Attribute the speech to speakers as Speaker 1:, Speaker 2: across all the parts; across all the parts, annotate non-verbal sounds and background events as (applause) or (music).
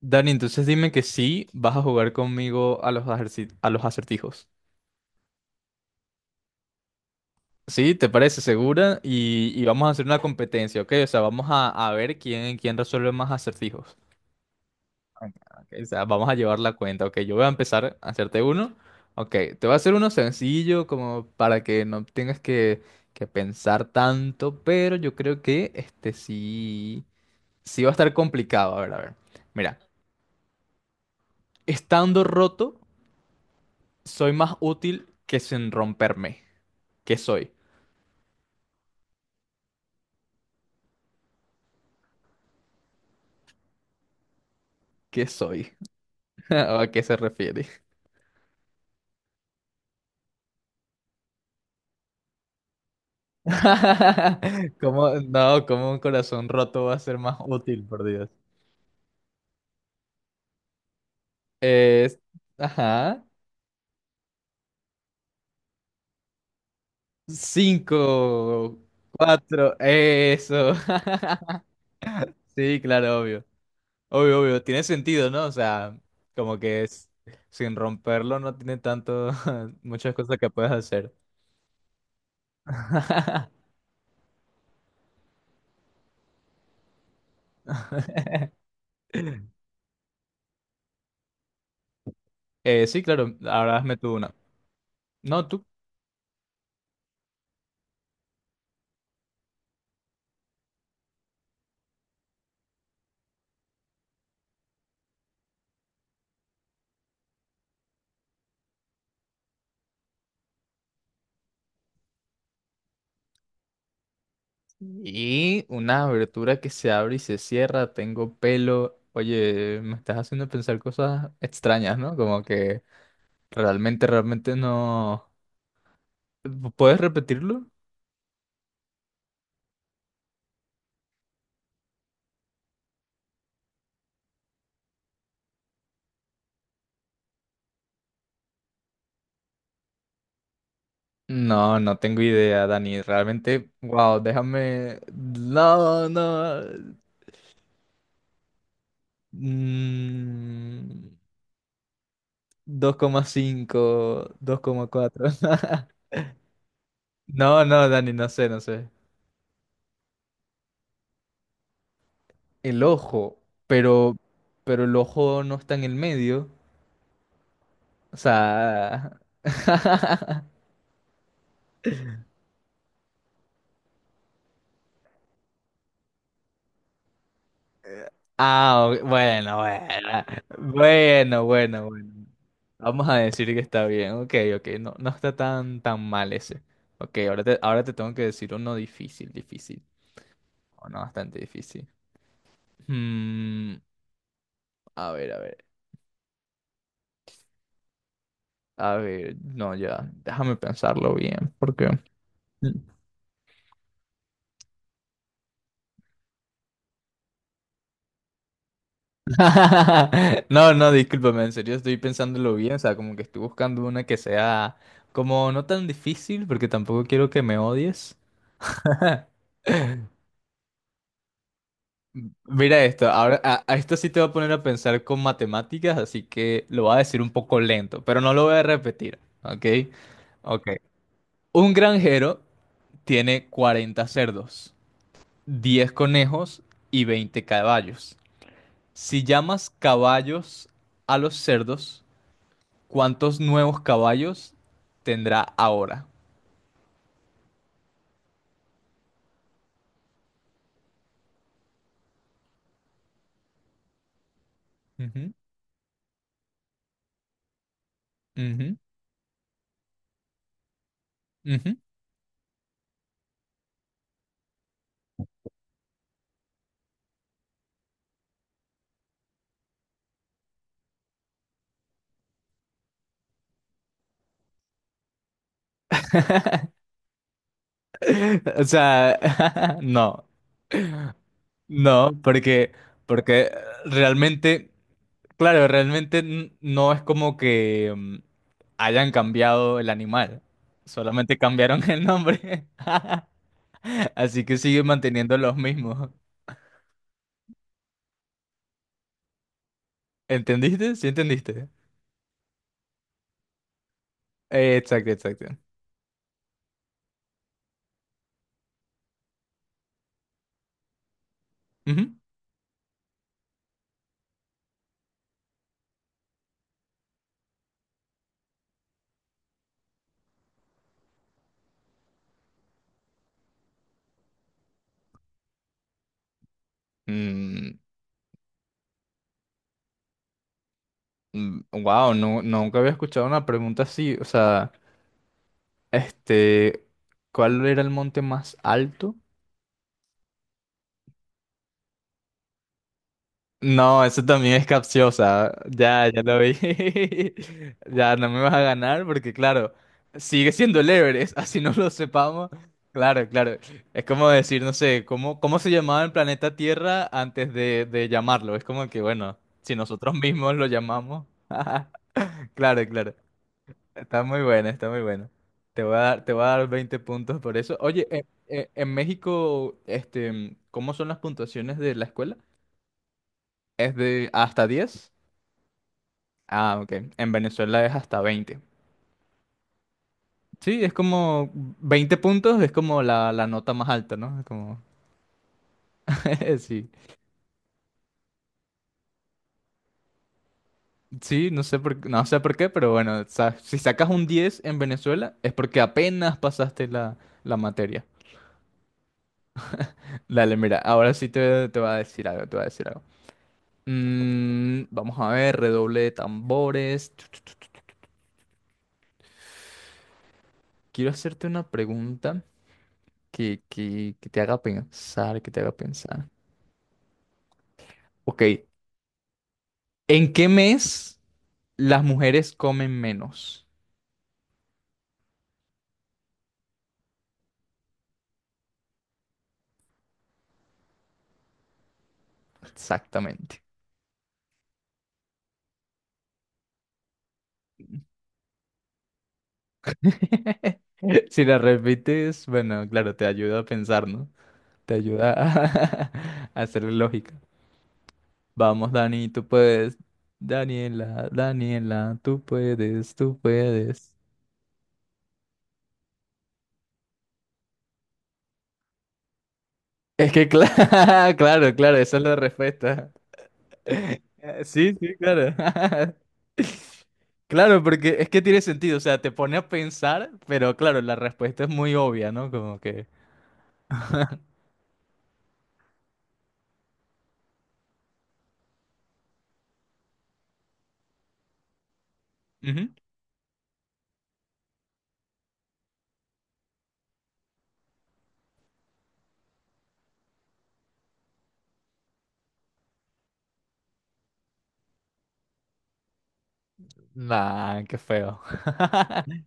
Speaker 1: Dani, entonces dime que sí vas a jugar conmigo a los a los acertijos. ¿Sí? ¿Te parece segura? Y vamos a hacer una competencia, ¿ok? O sea, vamos a ver quién resuelve más acertijos. Ok, ok, o sea, vamos a llevar la cuenta, ¿ok? Yo voy a empezar a hacerte uno. Ok, te voy a hacer uno sencillo como para que no tengas que pensar tanto, pero yo creo que este sí va a estar complicado. A ver, a ver. Mira, estando roto, soy más útil que sin romperme. ¿Qué soy? ¿Qué soy? (laughs) ¿O ¿A qué se refiere? (laughs) ¿Cómo? No, ¿cómo un corazón roto va a ser más útil, por Dios? Es... Ajá. Cinco, cuatro, eso. (laughs) Sí, claro, obvio. Obvio, obvio. Tiene sentido, ¿no? O sea, como que es, sin romperlo no tiene tanto, (laughs) muchas cosas que puedes hacer. Sí, claro. Ahora hazme tú una. No, tú. Y una abertura que se abre y se cierra, tengo pelo. Oye, me estás haciendo pensar cosas extrañas, ¿no? Como que realmente no... ¿Puedes repetirlo? No, no tengo idea, Dani. Realmente, wow, déjame... No, no. Mm, 2,5, 2,4. (laughs) No, no, Dani, no sé, no sé. El ojo, pero, pero el ojo no está en el medio. O sea. (laughs) Ah, ok, bueno, bueno. Bueno, bueno, bueno. Vamos a decir que está bien. Ok, ok. No, no está tan, tan mal ese. Ok, ahora te tengo que decir uno difícil, difícil. O no, bastante difícil. Mm, a ver, a ver. A ver. No, ya. Déjame pensarlo bien. Porque. (laughs) No, no, discúlpame, en serio estoy pensándolo bien, o sea, como que estoy buscando una que sea como no tan difícil, porque tampoco quiero que me odies. Mira esto, ahora a esto sí te va a poner a pensar con matemáticas, así que lo voy a decir un poco lento, pero no lo voy a repetir, ¿ok? Ok. Un granjero tiene 40 cerdos, 10 conejos y 20 caballos. Si llamas caballos a los cerdos, ¿cuántos nuevos caballos tendrá ahora? Ujú, ujú, ujú. (laughs) O sea, (laughs) no, no, porque realmente, claro, realmente no es como que hayan cambiado el animal, solamente cambiaron el nombre, (laughs) así que siguen manteniendo los mismos. ¿Entendiste? ¿Sí entendiste? Exacto, exacto. Ujú. Mm, wow, no, nunca había escuchado una pregunta así, o sea... Este, ¿cuál era el monte más alto? No, eso también es capciosa. Ya, ya lo vi. (laughs) Ya no me vas a ganar porque, claro, sigue siendo el Everest, (laughs) así no lo sepamos. Claro, claro. Es como decir, no sé, ¿cómo se llamaba el planeta Tierra antes de llamarlo? Es como que, bueno, si nosotros mismos lo llamamos. (laughs) Claro, claro. Está muy buena, está muy buena. Te voy a dar 20 puntos por eso. Oye, en México, este, ¿cómo son las puntuaciones de la escuela? ¿Es de hasta 10? Ah, ok. En Venezuela es hasta 20. Sí, es como 20 puntos, es como la nota más alta, ¿no? Es como, (laughs) sí. Sí, no sé por qué, pero bueno, si sacas un 10 en Venezuela es porque apenas pasaste la materia. Dale, mira, ahora sí te voy a decir algo, te voy a decir algo. Vamos a ver, redoble de tambores. Tu, tu, tu. Quiero hacerte una pregunta que te haga pensar, que te haga pensar. Ok, ¿en qué mes las mujeres comen menos? Exactamente. (laughs) Si la repites, bueno, claro, te ayuda a pensar, ¿no? Te ayuda a, (laughs) a hacerle lógica. Vamos, Dani, tú puedes. Daniela, Daniela, tú puedes, tú puedes. Es que claro, (laughs) claro, claro, esa es la respuesta. (laughs) Sí, sí, claro. (laughs) Claro, porque es que tiene sentido, o sea, te pone a pensar, pero claro, la respuesta es muy obvia, ¿no? Como que... Ujú. Nah, qué feo. (laughs)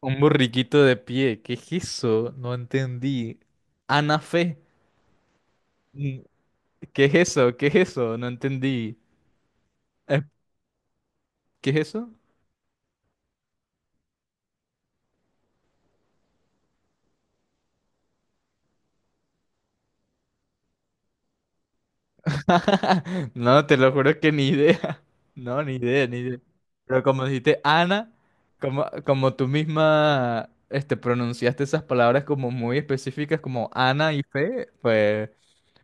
Speaker 1: Un burriquito de pie, ¿qué es eso? No entendí. Ana Fe, mm, ¿qué es eso? ¿Qué es eso? No entendí. Eh, ¿Qué es eso? (laughs) No, te lo juro que ni idea. (laughs) No, ni idea, ni idea. Pero como dijiste Ana, como tú misma este, pronunciaste esas palabras como muy específicas, como Ana y Fe, pues,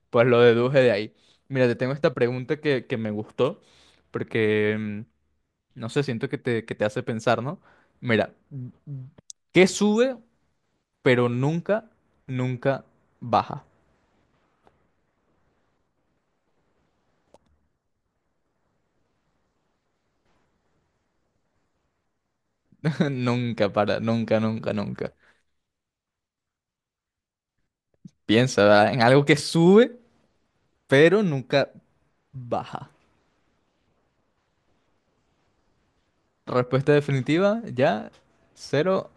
Speaker 1: pues lo deduje de ahí. Mira, te tengo esta pregunta que me gustó, porque, no sé, siento que te hace pensar, ¿no? Mira, ¿qué sube, pero nunca, nunca baja? (laughs) Nunca para, nunca, nunca, nunca. Piensa, ¿verdad? En algo que sube, pero nunca baja. Respuesta definitiva, ya, cero.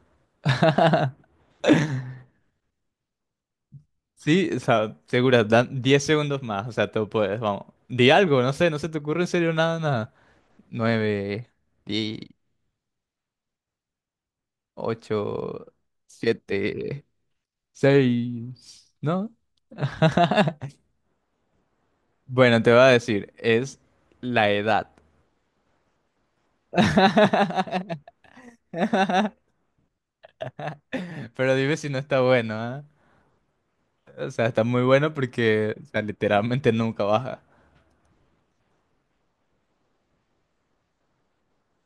Speaker 1: (laughs) Sí, o sea, segura, dan 10 segundos más, o sea, tú puedes, vamos. Di algo, no sé, no se te ocurre en serio nada, nada. 9, 10, 8, 7, 6, ¿no? (laughs) Bueno, te voy a decir, es la edad. (laughs) Pero dime si no está bueno, ¿ah? O sea, está muy bueno porque, o sea, literalmente nunca baja.